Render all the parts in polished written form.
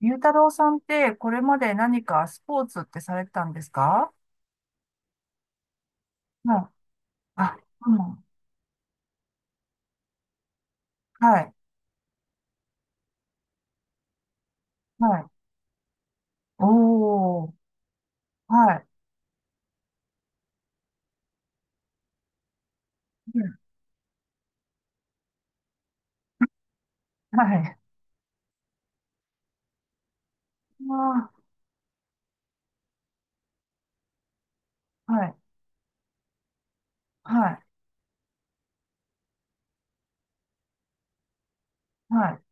ゆうたろうさんって、これまで何かスポーツってされてたんですか。はい。あ、うん。はい。はい。おー。はい。うん。はい。あー、はい。はい。はい。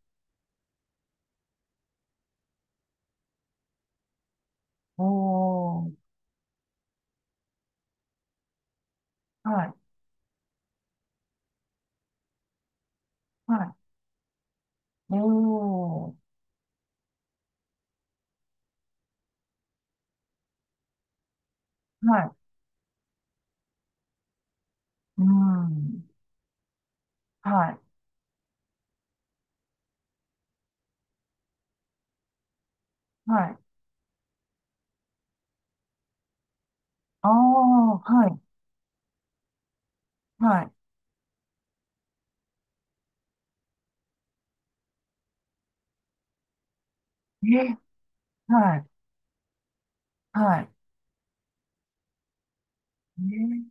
おー。はい。はい。おー。はい。うん。はい。はい。ああ、はい。はい。えー、はい。はい。え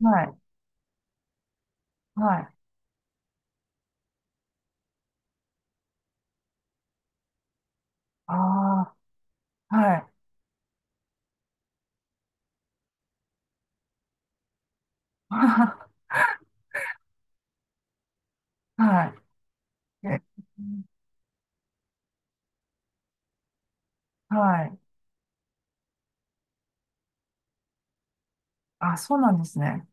ー、はい。はい。あー。はい。はい。えはいはいえはいはいああ、はい はいえはい。あ、そうなんですね。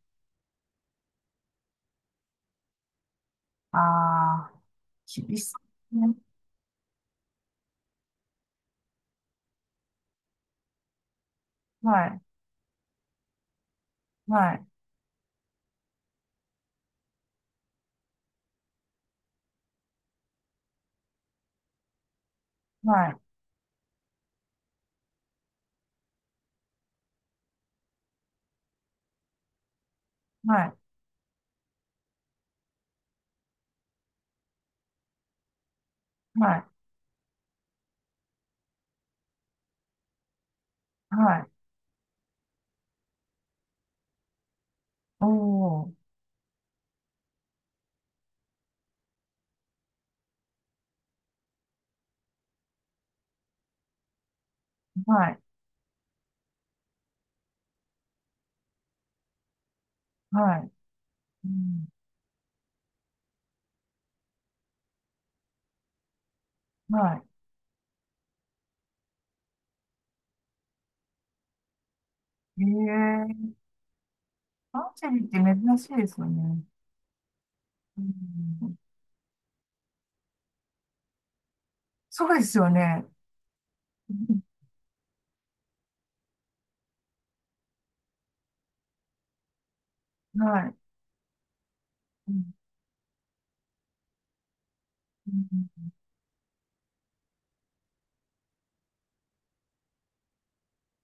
ああ、厳しいね。はい、はい、はい、はい、はい、はい、おー、はい、はい、うん、はい。ええー。アーチェリーって珍しいですよね。うん、そうですよね。うん、はい、うん、うん、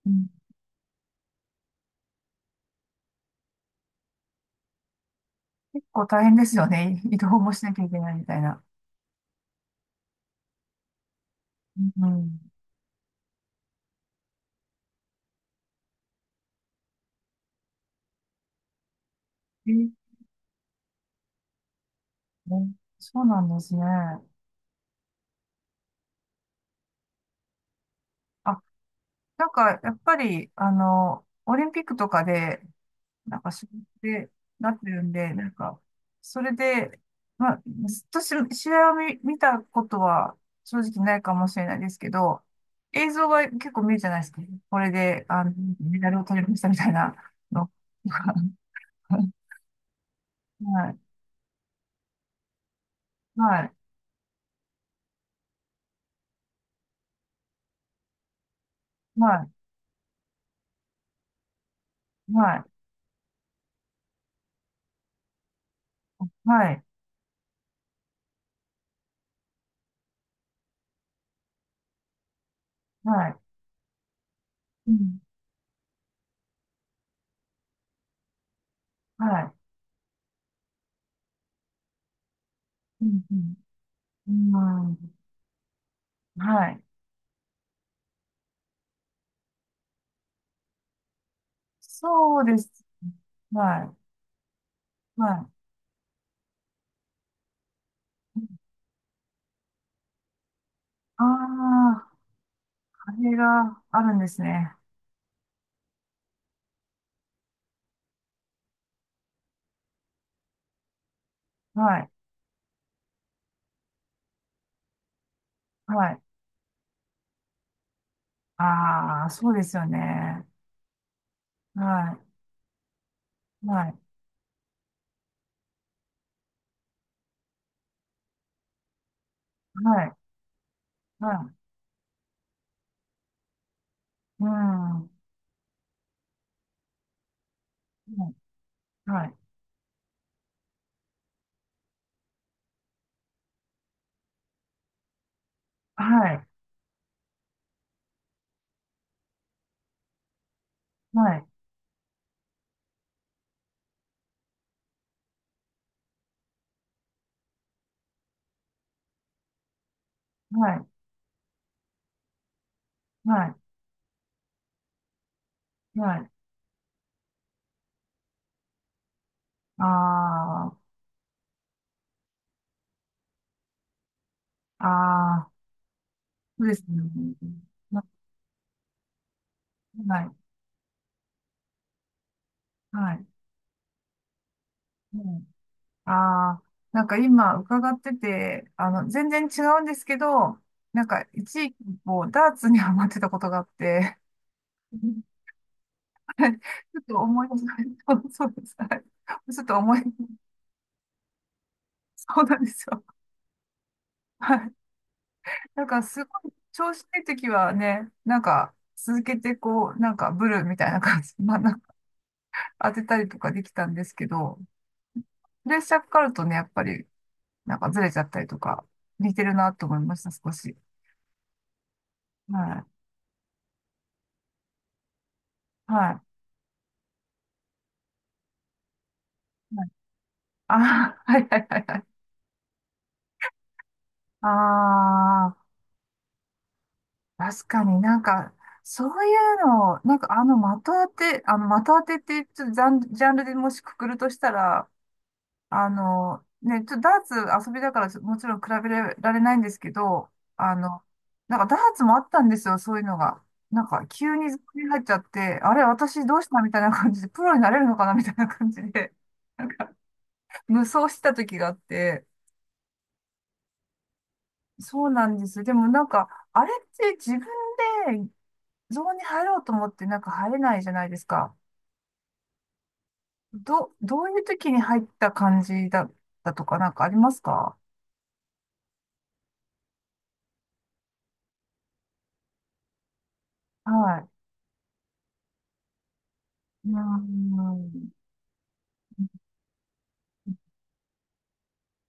うん。結構大変ですよね。移動もしなきゃいけないみたいな。うん、えー、ね、そうなんですね。あ、なんか、やっぱり、あの、オリンピックとかで、なんか、そうで、なってるんで、なんか、それで、まあ、ずっとし試合を見、見たことは正直ないかもしれないですけど、映像が結構見るじゃないですか。これで、あの、メダルを取りましたみたいなのとか。はい、はい、はい、はい、はい、はい、うん、はい、うん、うん、うん、はい。そうです。はい、はい。ああ、あれがあるんですね。はい。はい。ああ、そうですよね。はい。はい。はい。はい。うん。はい。はい。はい。はい。はい。はい。はい。ああ、ああ、そうですね。な、はい。はい。うん、ああ、なんか今伺ってて、あの、全然違うんですけど、なんか一時期こう、ダーツにハマってたことがあって、ちょっと思い出し、そうです。はい、ちょっと思い、そうなんですよ。はい。なんかすごい調子いい時はね、なんか続けてこう、なんかブルみたいな感じ、まあなんか当てたりとかできたんですけど、プレッシャーかかるとね、やっぱりなんかずれちゃったりとか、似てるなと思いました、少し。はい。はい。はい、あー、はいはいはいはい。ああ、確かになんか、そういうのを、なんかあの的当て、あの的当てってちょっとジャン、ジャンルでもしくくるとしたら、あの、ね、ちょっとダーツ遊びだからちょもちろん比べられないんですけど、あの、なんかダーツもあったんですよ、そういうのが。なんか急にゾーンに入っちゃって、あれ、私どうしたみたいな感じで、プロになれるのかなみたいな感じで、なんか無双してた時があって、そうなんです。でもなんか、あれって自分でゾーンに入ろうと思ってなんか入れないじゃないですか。ど、どういう時に入った感じだったとかなんかありますか。はい。うーん。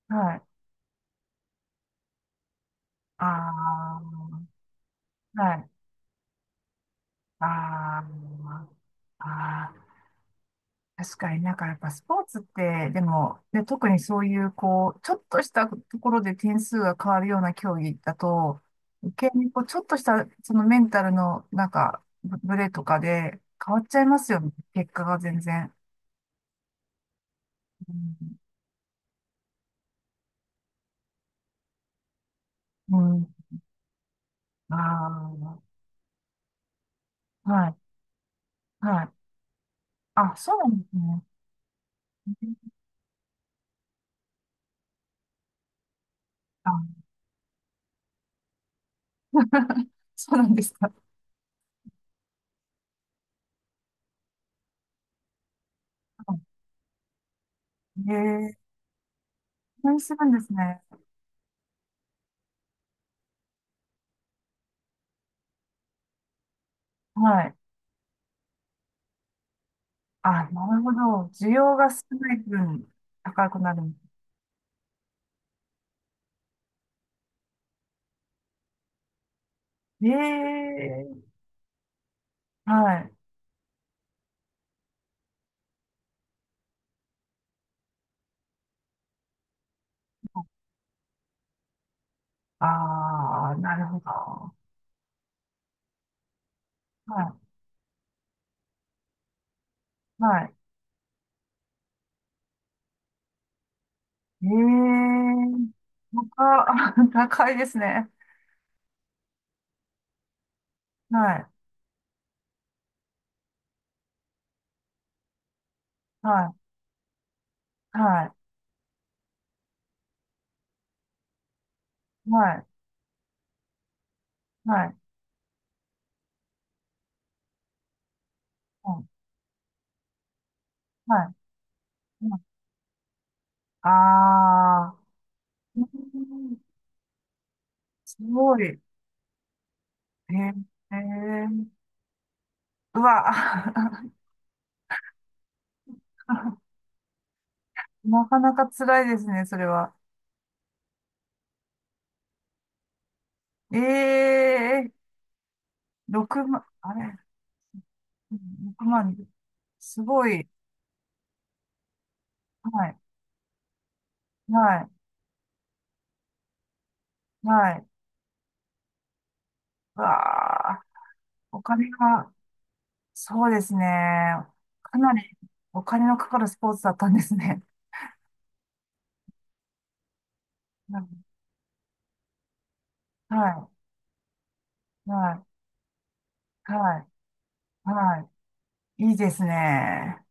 はい。ああ、はい。ああ、ま、あ、あ、確かになんかやっぱスポーツって、でも、で、特にそういう、こう、ちょっとしたところで点数が変わるような競技だと、余計にこう、ちょっとした、そのメンタルの、なんか、ブブレとかで変わっちゃいますよね。結果が全然。うん。うん、ああ、はい、はい。あ、そうなんですね。あ、そうなんですか。へえ、そうするんですね。はい。あ、なるほど。需要が少ない分、高くなる。ええ、はい。ああ、なるほど。はい、はい。ええ、高、高いですね。はい、はい、はい、はい、はい、はい、はい。ああー、うん、すごい。ええ、ええ、うわ、なかなか辛いですね、それは。ええ、六6万、あれ6万人。すごい。はい。はい。はい。うわあ、お金が、そうですね。かなりお金のかかるスポーツだったんですね。うん、はい。はい。はい。はい。いいですね。